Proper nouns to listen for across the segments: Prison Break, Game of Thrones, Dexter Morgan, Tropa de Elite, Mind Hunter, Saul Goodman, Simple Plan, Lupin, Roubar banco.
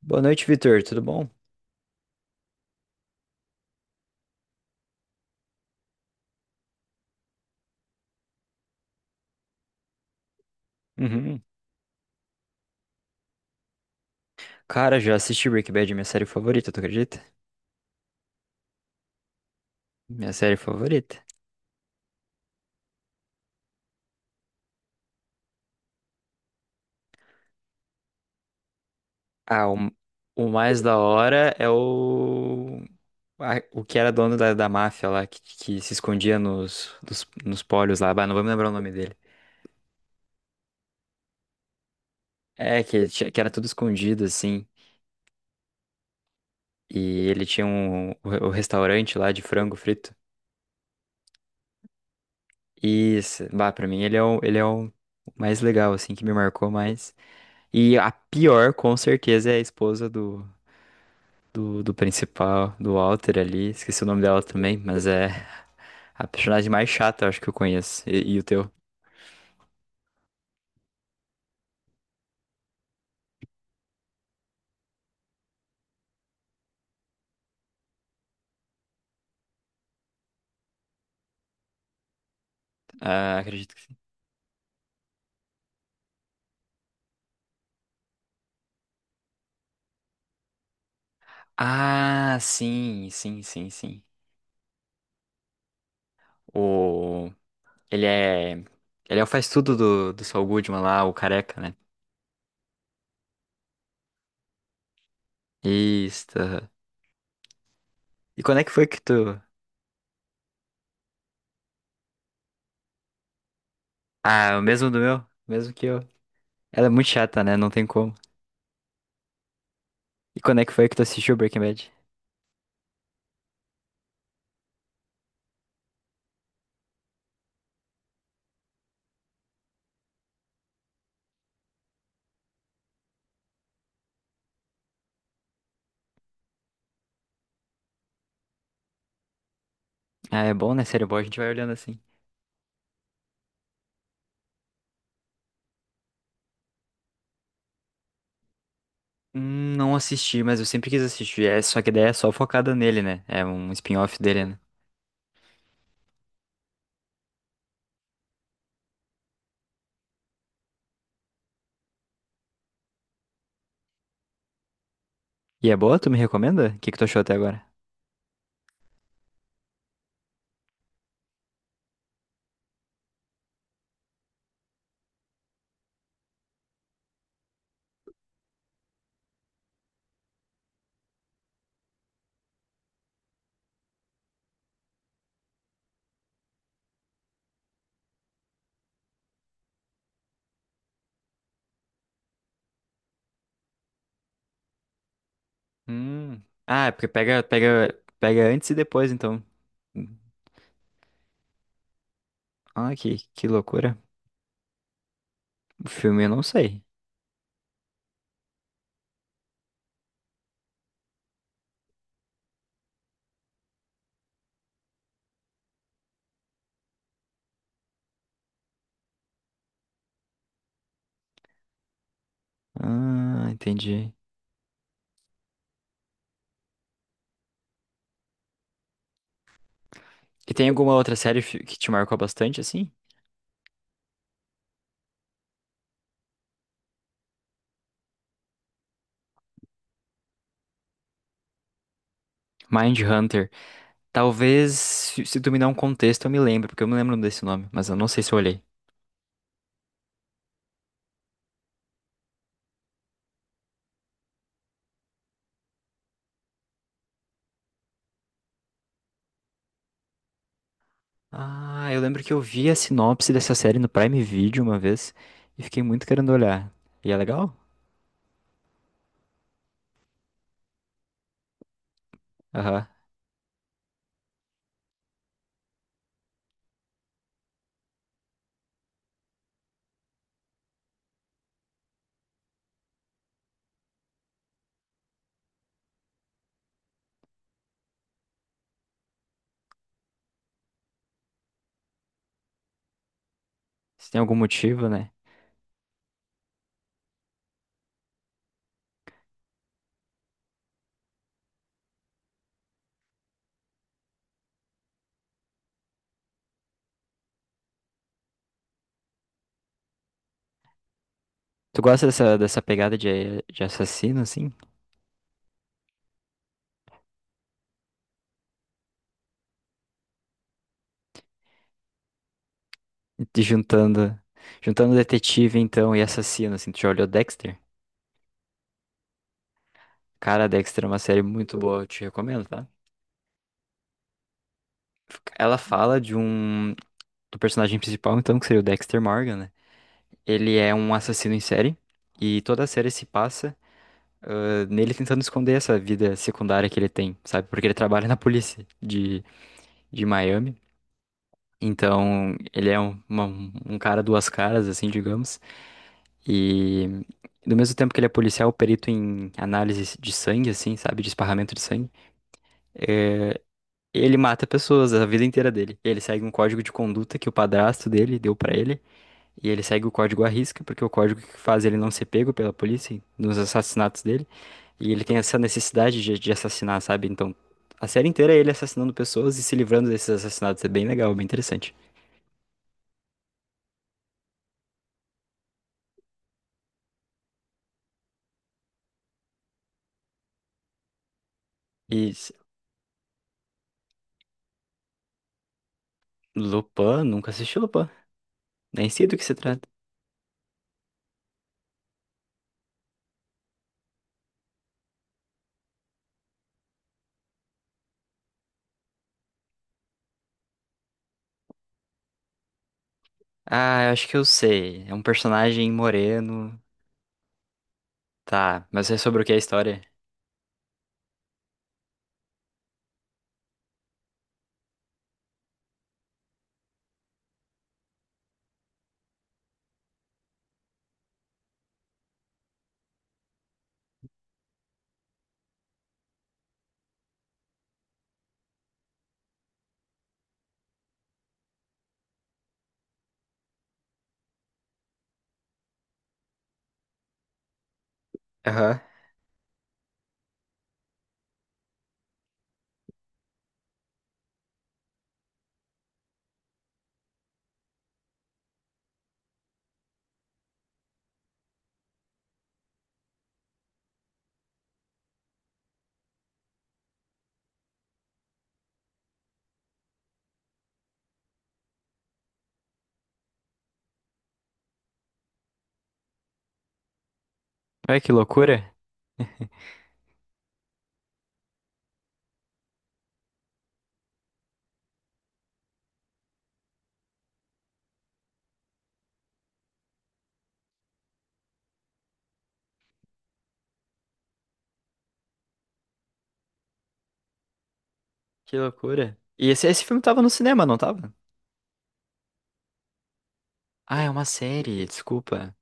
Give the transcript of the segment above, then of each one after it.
Boa noite, Vitor. Tudo bom? Uhum. Cara, já assisti Breaking Bad, minha série favorita, tu acredita? Minha série favorita. Ah, o, o mais da hora é o que era dono da máfia lá, que se escondia nos pólios lá. Bah, não vou me lembrar o nome dele. É, ele que era tudo escondido, assim. E ele tinha o restaurante lá de frango frito. Isso, bah, pra mim ele é o mais legal, assim, que me marcou mais. E a pior, com certeza, é a esposa do. Do principal, do Walter ali. Esqueci o nome dela também, mas é a personagem mais chata, eu acho que eu conheço. E o teu? Ah, acredito que. Ah, sim, sim, sim, sim. O. Ele é. Ele é o faz tudo do Saul Goodman lá, o careca, né? Isso, aham. E quando é que foi que tu. Ah, o mesmo do meu? O mesmo que eu. Ela é muito chata, né? Não tem como. E quando é que foi que tu assistiu Breaking Bad? Ah, é bom, né? Série boa, a gente vai olhando assim. Não assisti, mas eu sempre quis assistir. É, só que daí é só focada nele, né? É um spin-off dele, né? E é boa? Tu me recomenda? O que que tu achou até agora? Hum. Ah, é porque pega antes e depois, então. Hum. Ah, que loucura. O filme eu não sei. Ah, entendi. E tem alguma outra série que te marcou bastante, assim? Mind Hunter. Talvez, se tu me dar um contexto, eu me lembro, porque eu me lembro desse nome, mas eu não sei se eu olhei. Ah, eu lembro que eu vi a sinopse dessa série no Prime Video uma vez e fiquei muito querendo olhar. E é legal? Aham. Se tem algum motivo, né? Tu gosta dessa, dessa pegada de assassino, assim? De juntando, juntando detetive, então, e assassino, assim. Tu já olhou Dexter? Cara, Dexter é uma série muito boa, eu te recomendo, tá? Ela fala de um... do personagem principal, então, que seria o Dexter Morgan, né? Ele é um assassino em série e toda a série se passa ah, nele tentando esconder essa vida secundária que ele tem, sabe? Porque ele trabalha na polícia de Miami. Então, ele é uma- um cara duas caras, assim, digamos. E do mesmo tempo que ele é policial, perito em análise de sangue, assim, sabe? De esparramento de sangue. É, ele mata pessoas a vida inteira dele. Ele segue um código de conduta que o padrasto dele deu pra ele. E ele segue o código à risca, porque é o código que faz ele não ser pego pela polícia nos assassinatos dele. E ele tem essa necessidade de assassinar, sabe? Então, a série inteira é ele assassinando pessoas e se livrando desses assassinatos. É bem legal, bem interessante. E s- Lupin, nunca assisti Lupin. Nem sei do que se trata. Ah, eu acho que eu sei. É um personagem moreno. Tá, mas é sobre o que é a história? Aham. Ué, que loucura. Que loucura. Esse filme tava no cinema, não tava? Ah, é uma série, desculpa.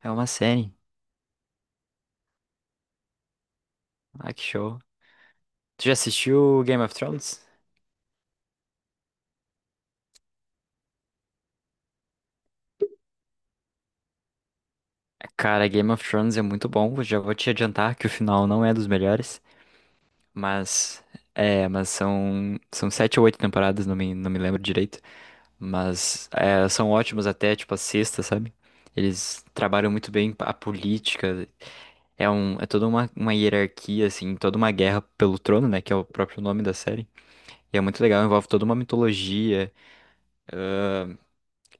É uma série. Ah, que show. Tu já assistiu Game of Thrones? Cara, Game of Thrones é muito bom. Eu já vou te adiantar que o final não é dos melhores, mas é, mas são sete ou oito temporadas, não me lembro direito, mas é, são ótimos até tipo a sexta, sabe? Eles trabalham muito bem a política. É toda uma hierarquia assim, toda uma guerra pelo trono, né, que é o próprio nome da série. E é muito legal, envolve toda uma mitologia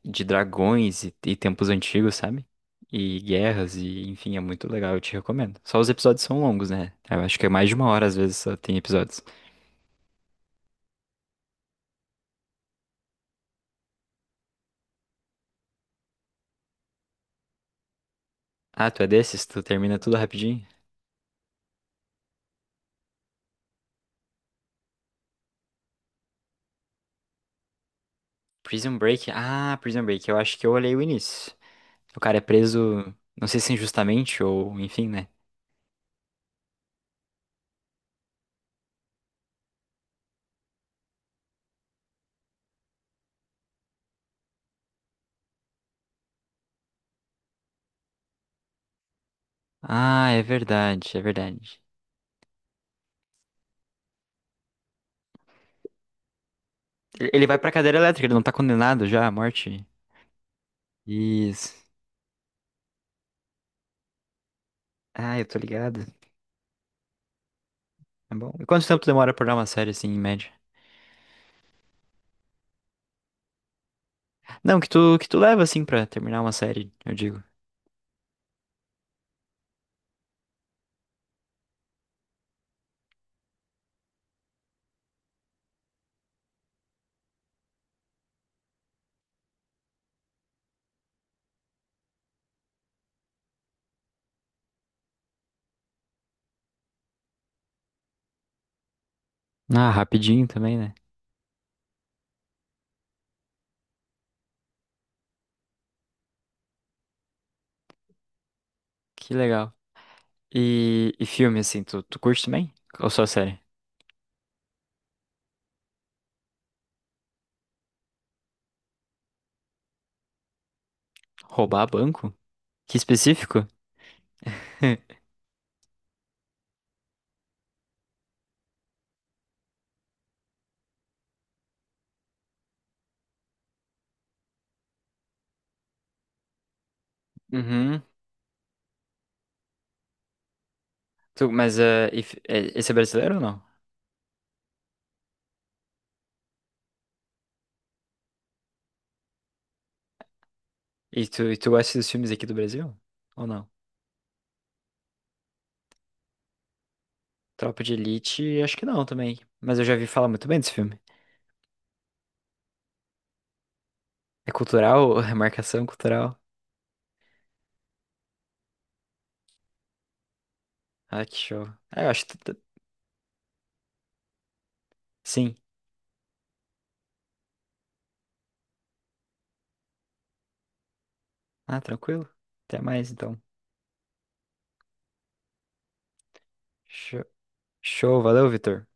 de dragões e tempos antigos, sabe? E guerras, e enfim, é muito legal, eu te recomendo. Só os episódios são longos, né? Eu acho que é mais de uma hora, às vezes, só tem episódios. Ah, tu é desses? Tu termina tudo rapidinho? Prison Break? Ah, Prison Break, eu acho que eu olhei o início. O cara é preso, não sei se injustamente ou enfim, né? Ah, é verdade, é verdade. Ele vai pra cadeira elétrica, ele não tá condenado já à morte? Isso. Ah, eu tô ligado. É bom. E quanto tempo demora pra dar uma série assim, em média? Não, que tu leva, assim, pra terminar uma série, eu digo. Ah, rapidinho também, né? Que legal. E filme, assim, tu curte também? Ou só série? Roubar banco? Que específico? Uhum. Tu, mas esse é brasileiro ou não? E tu gosta dos filmes aqui do Brasil? Ou não? Tropa de Elite, acho que não também. Mas eu já vi falar muito bem desse filme. É cultural? É marcação cultural? Ah, que show. Ah, eu acho que... tu- tu- Sim. Ah, tranquilo. Até mais, então. Show, show, valeu, Vitor.